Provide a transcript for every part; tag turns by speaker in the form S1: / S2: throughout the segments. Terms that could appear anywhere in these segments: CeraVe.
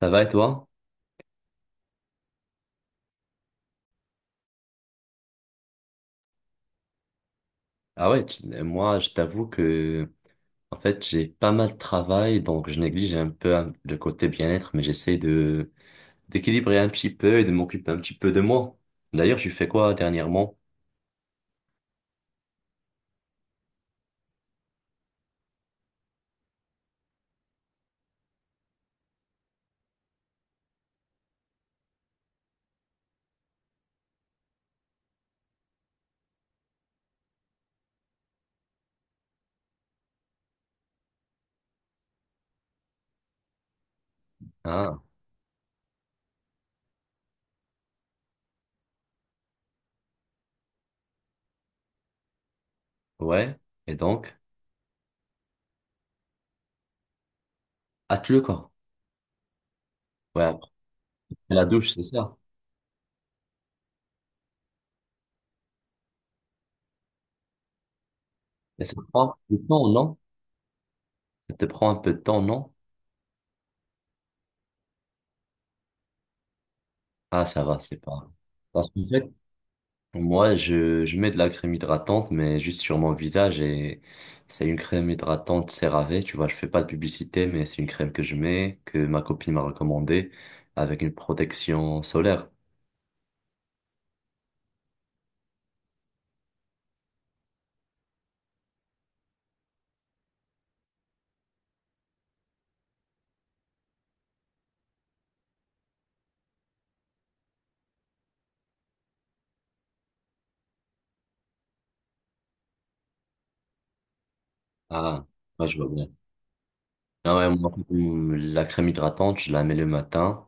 S1: Ça va et toi? Ah ouais, moi, je t'avoue que, en fait, j'ai pas mal de travail, donc je néglige un peu, hein, le côté bien-être, mais j'essaie de d'équilibrer un petit peu et de m'occuper un petit peu de moi. D'ailleurs, tu fais quoi dernièrement? Ah ouais, et donc ah, tu le corps. Ouais, après la douche, c'est ça. Et ça te prend du temps, non? Ça te prend un peu de temps, non? Ah ça va, c'est pas. Parce que moi, je mets de la crème hydratante, mais juste sur mon visage, et c'est une crème hydratante CeraVe. Tu vois, je fais pas de publicité, mais c'est une crème que je mets, que ma copine m'a recommandée, avec une protection solaire. Ah, ouais, je vois bien. Ah ouais, moi, la crème hydratante, je la mets le matin.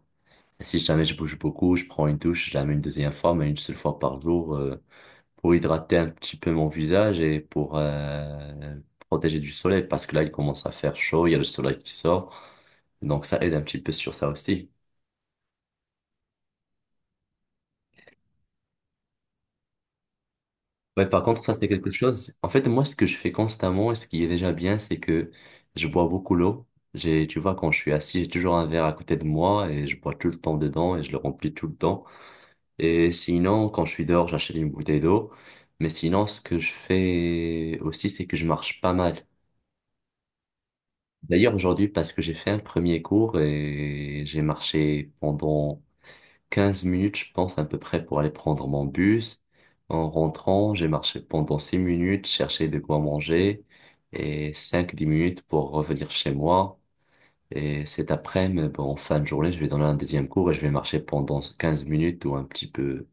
S1: Et si jamais je bouge beaucoup, je prends une douche, je la mets une deuxième fois, mais une seule fois par jour, pour hydrater un petit peu mon visage et pour protéger du soleil, parce que là, il commence à faire chaud, il y a le soleil qui sort. Donc, ça aide un petit peu sur ça aussi. Ouais, par contre, ça, c'est quelque chose. En fait, moi, ce que je fais constamment et ce qui est déjà bien, c'est que je bois beaucoup l'eau. J'ai, tu vois, quand je suis assis, j'ai toujours un verre à côté de moi et je bois tout le temps dedans et je le remplis tout le temps. Et sinon, quand je suis dehors, j'achète une bouteille d'eau. Mais sinon, ce que je fais aussi, c'est que je marche pas mal. D'ailleurs, aujourd'hui, parce que j'ai fait un premier cours et j'ai marché pendant 15 minutes, je pense, à peu près, pour aller prendre mon bus. En rentrant, j'ai marché pendant 6 minutes, chercher de quoi manger, et cinq dix minutes pour revenir chez moi. Et cet après-midi, bon, en fin de journée, je vais donner un deuxième cours et je vais marcher pendant 15 minutes ou un petit peu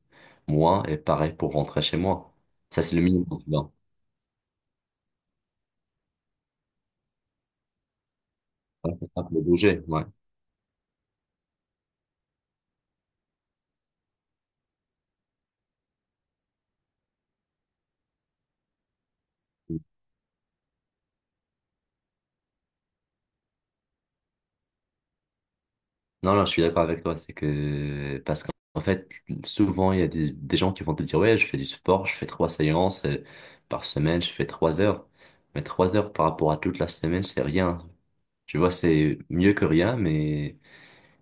S1: moins, et pareil pour rentrer chez moi. Ça, c'est le minimum, tu vois. Ouais, c'est ça, pour bouger, ouais. Non, non, je suis d'accord avec toi. C'est que, parce qu'en fait, souvent, il y a des gens qui vont te dire, ouais, je fais du sport, je fais 3 séances par semaine, je fais 3 heures. Mais 3 heures par rapport à toute la semaine, c'est rien. Tu vois, c'est mieux que rien, mais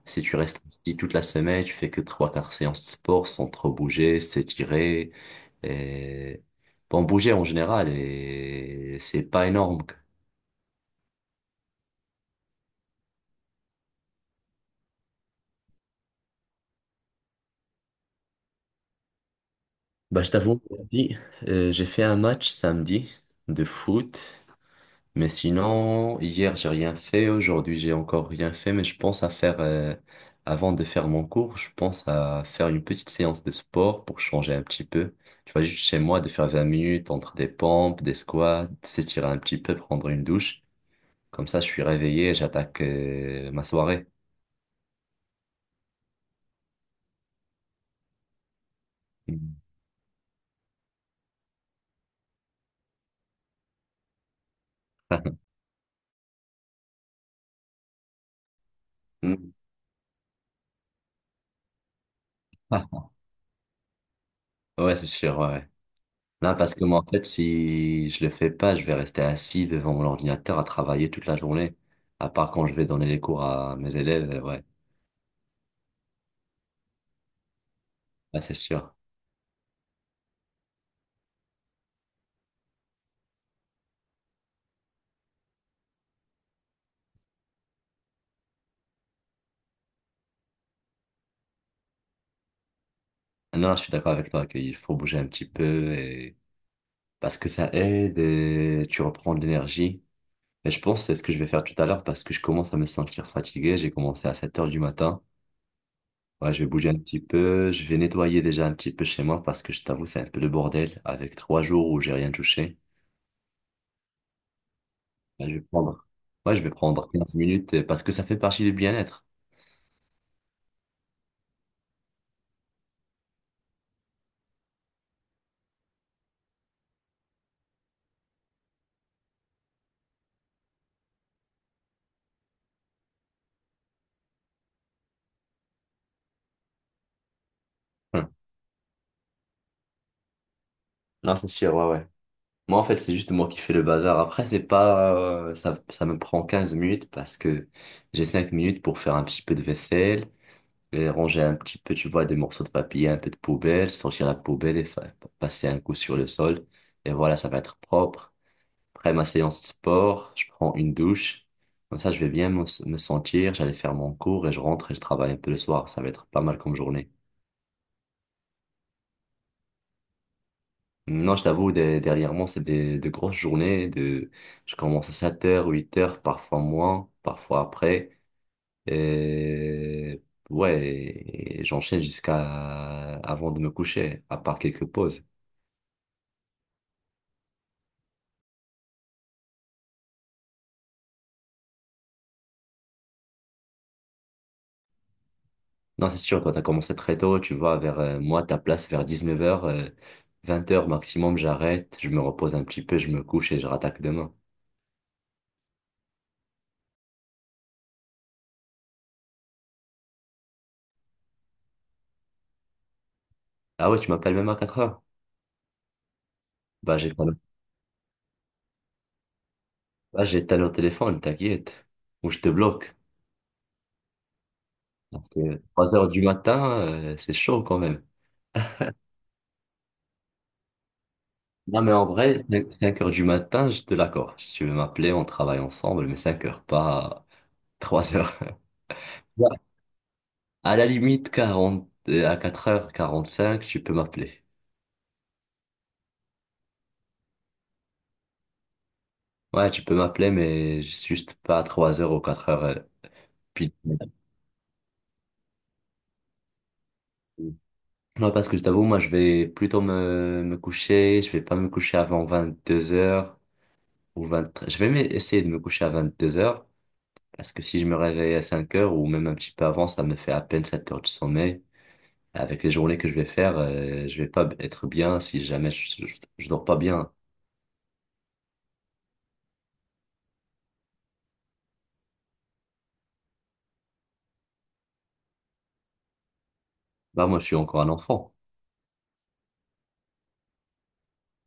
S1: si tu restes ici toute la semaine, tu fais que trois, quatre séances de sport sans trop bouger, s'étirer, et, bon, bouger en général, et c'est pas énorme. Bah, je t'avoue, aujourd'hui, j'ai fait un match samedi de foot. Mais sinon, hier, j'ai rien fait. Aujourd'hui, j'ai encore rien fait. Mais je pense à faire, avant de faire mon cours, je pense à faire une petite séance de sport pour changer un petit peu. Tu vois, juste chez moi, de faire 20 minutes entre des pompes, des squats, s'étirer un petit peu, prendre une douche. Comme ça, je suis réveillé et j'attaque, ma soirée. Mm. Ouais, c'est sûr, ouais, ouais. Non, parce que moi, en fait, si je le fais pas, je vais rester assis devant mon ordinateur à travailler toute la journée. À part quand je vais donner les cours à mes élèves, ouais. Ah, c'est sûr. Non, je suis d'accord avec toi qu'il faut bouger un petit peu, et... parce que ça aide et tu reprends de l'énergie. Et je pense que c'est ce que je vais faire tout à l'heure, parce que je commence à me sentir fatigué. J'ai commencé à 7 heures du matin. Ouais, je vais bouger un petit peu. Je vais nettoyer déjà un petit peu chez moi, parce que je t'avoue, c'est un peu le bordel avec 3 jours où j'ai rien touché. Ouais, je vais prendre. Ouais, je vais prendre 15 minutes parce que ça fait partie du bien-être. Hum. Non, c'est sûr, ouais, ouais. Moi, en fait, c'est juste moi qui fais le bazar. Après, c'est pas, ça, ça me prend 15 minutes, parce que j'ai 5 minutes pour faire un petit peu de vaisselle, et ranger un petit peu, tu vois, des morceaux de papier, un peu de poubelle, sortir la poubelle et passer un coup sur le sol. Et voilà, ça va être propre. Après ma séance de sport, je prends une douche. Comme ça, je vais bien me sentir, j'allais faire mon cours, et je rentre et je travaille un peu le soir. Ça va être pas mal comme journée. Non, je t'avoue, dernièrement, c'est des, de grosses journées. Je commence à 7 heures 8 heures, parfois moins, parfois après. Et ouais, et j'enchaîne jusqu'à avant de me coucher, à part quelques pauses. Non, c'est sûr, toi, t'as commencé très tôt, tu vois, vers moi, ta place, vers 19 heures 20 heures maximum, j'arrête, je me repose un petit peu, je me couche et je rattaque demain. Ah ouais, tu m'appelles même à 4 heures. Bah, j'éteins le Bah, j'éteins le téléphone, t'inquiète. Ou je te bloque. Parce que 3 heures du matin, c'est chaud quand même. Non, mais en vrai, 5 heures du matin, je te l'accorde. Si tu veux m'appeler, on travaille ensemble, mais 5 heures, pas 3 heures. Ouais. À la limite, 40 à 4h45, tu peux m'appeler. Ouais, tu peux m'appeler, mais juste pas à 3 heures ou 4 heures, pile. Non, parce que je t'avoue, moi, je vais plutôt me coucher. Je vais pas me coucher avant 22 heures ou 23. Essayer de me coucher à 22 heures. Parce que si je me réveille à 5 heures ou même un petit peu avant, ça me fait à peine 7 heures de sommeil. Avec les journées que je vais faire, je vais pas être bien si jamais je dors pas bien. Bah, moi, je suis encore un enfant.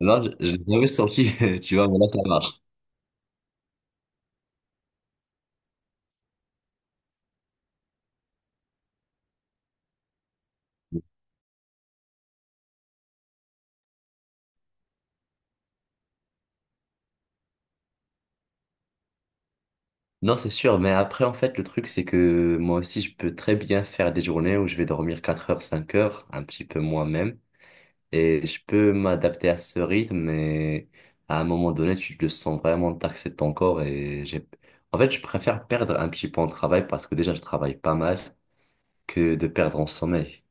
S1: Là, j'ai jamais sorti, tu vois, mais là, ça marche. Non, c'est sûr, mais après, en fait, le truc, c'est que moi aussi, je peux très bien faire des journées où je vais dormir 4 heures, 5 heures, un petit peu moins même. Et je peux m'adapter à ce rythme, mais à un moment donné, tu te sens vraiment taxer ton corps. En fait, je préfère perdre un petit peu en travail, parce que déjà, je travaille pas mal, que de perdre en sommeil.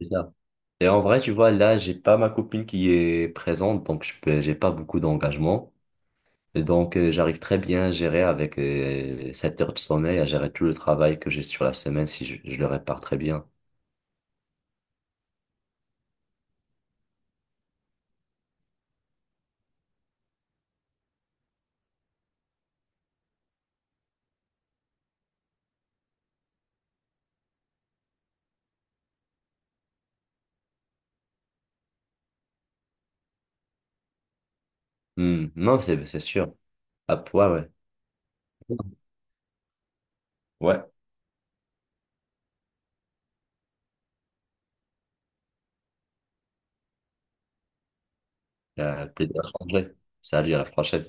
S1: C'est ça. Et en vrai, tu vois, là, j'ai pas ma copine qui est présente, donc je peux, j'ai pas beaucoup d'engagement. Et donc, j'arrive très bien à gérer avec 7 heures de sommeil, à gérer tout le travail que j'ai sur la semaine, si je le répare très bien. Hmm. Non, c'est sûr. Ah, ouais, ouais. Ouais, plaisir à changer. Salut, à la prochaine.